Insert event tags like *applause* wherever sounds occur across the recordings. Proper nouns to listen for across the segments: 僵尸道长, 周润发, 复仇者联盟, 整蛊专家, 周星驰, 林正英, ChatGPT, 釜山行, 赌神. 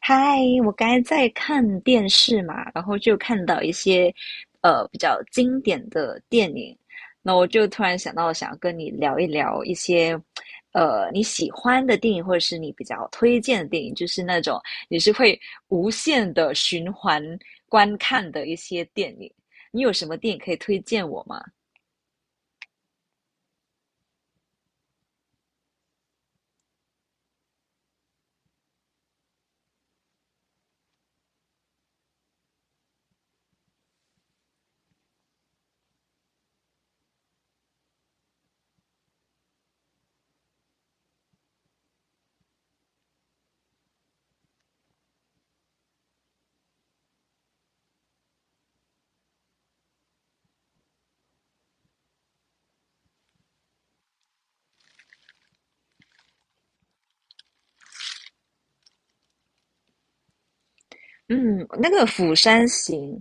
嗨，我刚才在看电视嘛，然后就看到一些比较经典的电影，那我就突然想到想要跟你聊一聊一些你喜欢的电影，或者是你比较推荐的电影，就是那种你是会无限的循环观看的一些电影。你有什么电影可以推荐我吗？嗯，那个《釜山行》，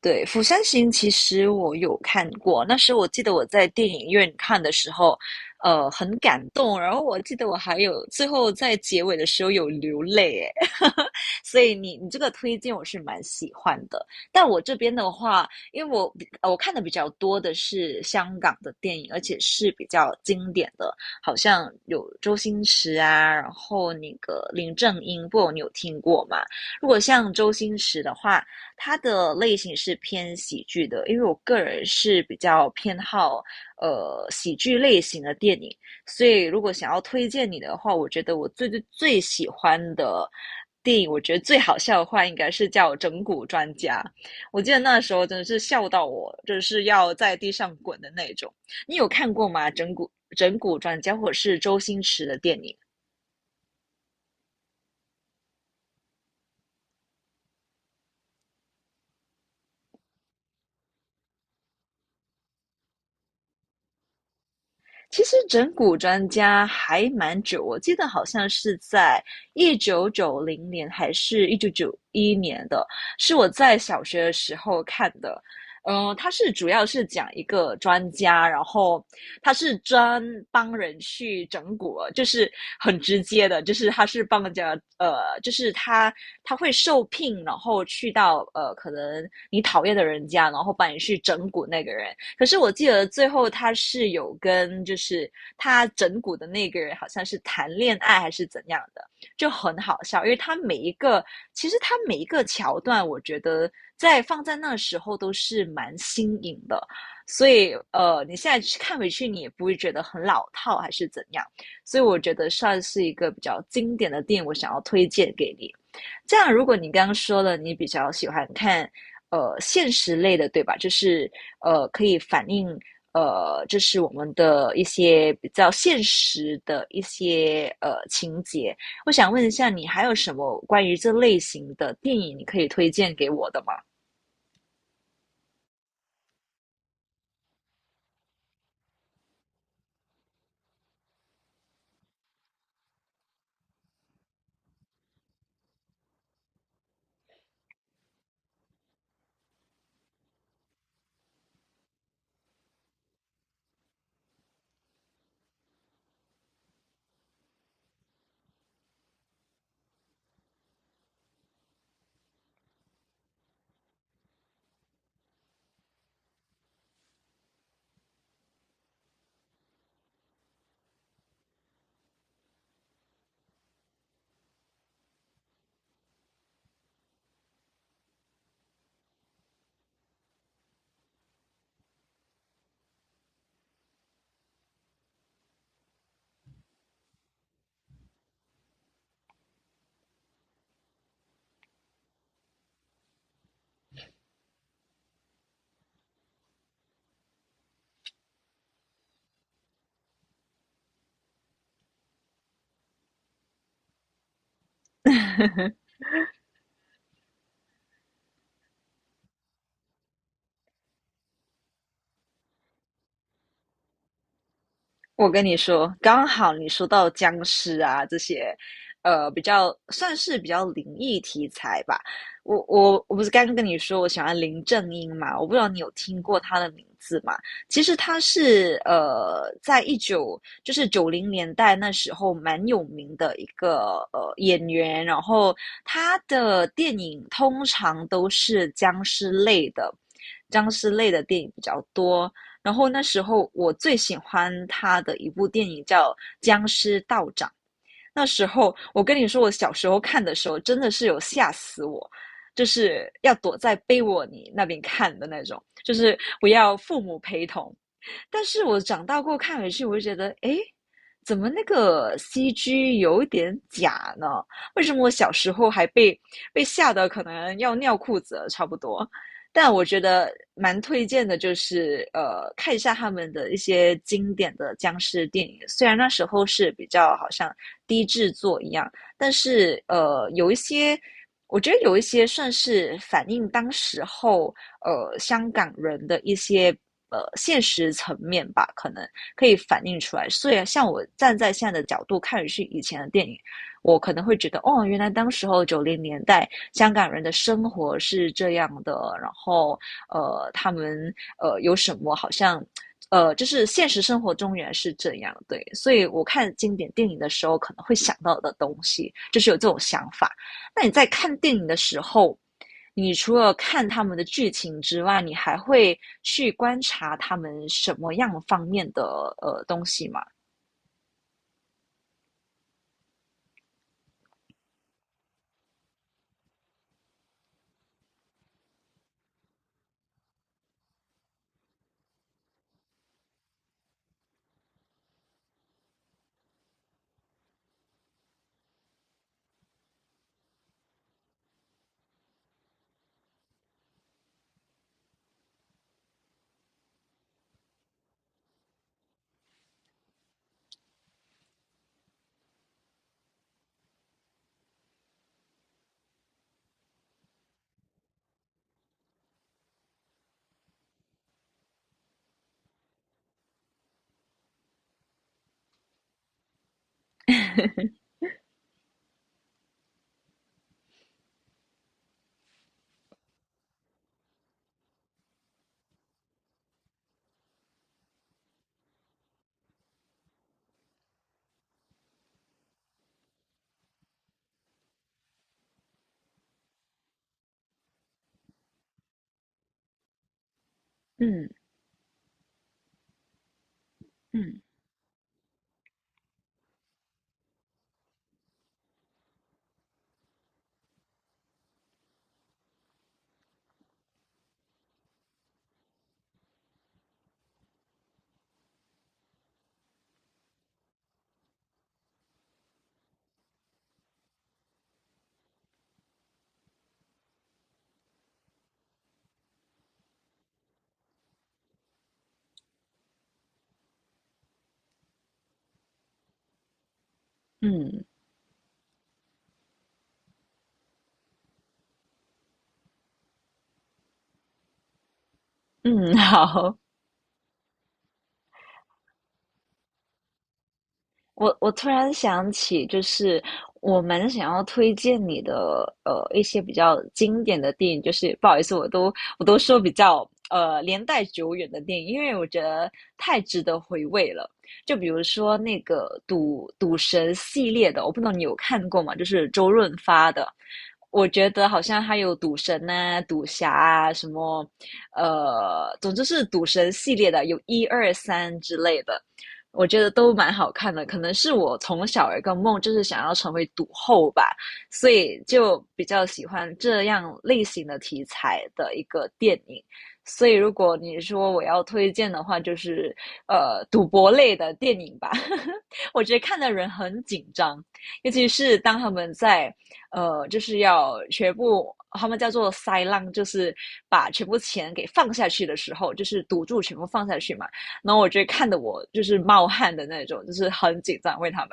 对，《釜山行》其实我有看过，那时我记得我在电影院看的时候，很感动，然后我记得我还有最后在结尾的时候有流泪，哎，*laughs* 所以你这个推荐我是蛮喜欢的，但我这边的话，因为我看的比较多的是香港的电影，而且是比较经典的，好像有周星驰啊，然后那个林正英，不，你有听过吗？如果像周星驰的话，他的类型是偏喜剧的，因为我个人是比较偏好喜剧类型的电影，所以如果想要推荐你的话，我觉得我最最最喜欢的。电影我觉得最好笑的话，应该是叫《整蛊专家》。我记得那时候真的是笑到我，就是要在地上滚的那种。你有看过吗？《整蛊专家》或者是周星驰的电影？其实整蛊专家还蛮久，我记得好像是在1990年还是1991年的，是我在小学的时候看的。它是主要是讲一个专家，然后他是专帮人去整蛊，就是很直接的，就是他是帮人家，呃，就是他会受聘，然后去到呃，可能你讨厌的人家，然后帮你去整蛊那个人。可是我记得最后他是有跟就是他整蛊的那个人好像是谈恋爱还是怎样的，就很好笑，因为他每一个其实他每一个桥段，我觉得在放在那时候都是蛮新颖的。所以，呃，你现在看回去，你也不会觉得很老套还是怎样。所以我觉得算是一个比较经典的电影，我想要推荐给你。这样，如果你刚刚说了你比较喜欢看现实类的，对吧？就是可以反映就是我们的一些比较现实的一些情节。我想问一下，你还有什么关于这类型的电影你可以推荐给我的吗？我跟你说，刚好你说到僵尸啊这些，呃，比较算是比较灵异题材吧。我不是刚刚跟你说我喜欢林正英嘛？我不知道你有听过他的名字吗？其实他是在一九就是九零年代那时候蛮有名的一个演员，然后他的电影通常都是僵尸类的，僵尸类的电影比较多。然后那时候我最喜欢他的一部电影叫《僵尸道长》。那时候我跟你说，我小时候看的时候真的是有吓死我，就是要躲在被窝里那边看的那种，就是我要父母陪同。但是我长大过看回去，我就觉得，诶，怎么那个 CG 有点假呢？为什么我小时候还被吓得可能要尿裤子了，差不多。但我觉得蛮推荐的，就是呃，看一下他们的一些经典的僵尸电影。虽然那时候是比较好像低制作一样，但是呃，有一些，我觉得有一些算是反映当时候香港人的一些现实层面吧，可能可以反映出来。所以像我站在现在的角度看是以前的电影，我可能会觉得哦，原来当时候九零年代香港人的生活是这样的，然后他们有什么好像就是现实生活中原来是这样，对，所以我看经典电影的时候，可能会想到的东西，就是有这种想法。那你在看电影的时候，你除了看他们的剧情之外，你还会去观察他们什么样方面的东西吗？嗯嗯嗯嗯，*laughs* 好，我突然想起，就是我蛮想要推荐你的一些比较经典的电影，就是不好意思，我都说比较年代久远的电影，因为我觉得太值得回味了。就比如说那个赌神系列的，我不知道你有看过吗？就是周润发的，我觉得好像还有赌神呐、赌侠啊什么，总之是赌神系列的，有一二三之类的。我觉得都蛮好看的。可能是我从小有一个梦，就是想要成为赌后吧，所以就比较喜欢这样类型的题材的一个电影。所以如果你说我要推荐的话，就是赌博类的电影吧。*laughs* 我觉得看的人很紧张，尤其是当他们在就是要全部。他们叫做塞浪，就是把全部钱给放下去的时候，就是赌注全部放下去嘛。然后我觉得看的我就是冒汗的那种，就是很紧张为他们。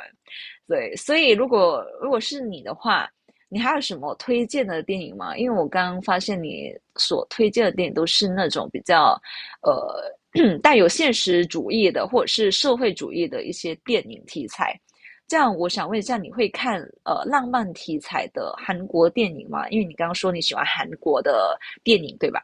对，所以如果如果是你的话，你还有什么推荐的电影吗？因为我刚发现你所推荐的电影都是那种比较*clears throat* 带有现实主义的或者是社会主义的一些电影题材。这样，我想问一下，你会看浪漫题材的韩国电影吗？因为你刚刚说你喜欢韩国的电影，对吧？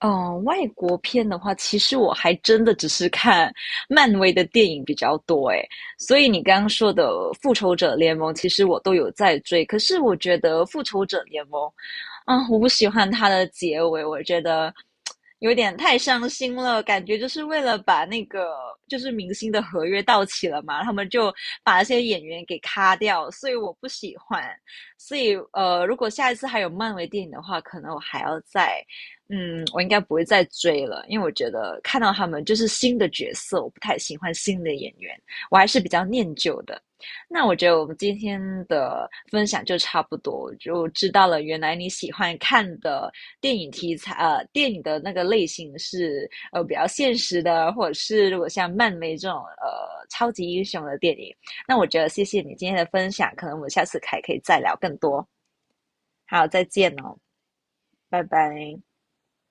外国片的话，其实我还真的只是看漫威的电影比较多诶，所以你刚刚说的《复仇者联盟》，其实我都有在追。可是我觉得《复仇者联盟》啊，我不喜欢它的结尾，我觉得有点太伤心了，感觉就是为了把那个就是明星的合约到期了嘛，他们就把那些演员给咔掉，所以我不喜欢。所以如果下一次还有漫威电影的话，可能我还要再我应该不会再追了，因为我觉得看到他们就是新的角色，我不太喜欢新的演员，我还是比较念旧的。那我觉得我们今天的分享就差不多，就知道了原来你喜欢看的电影题材，电影的那个类型是比较现实的，或者是如果像漫威这种超级英雄的电影。那我觉得谢谢你今天的分享，可能我们下次还可以再聊更多。好，再见哦，拜拜。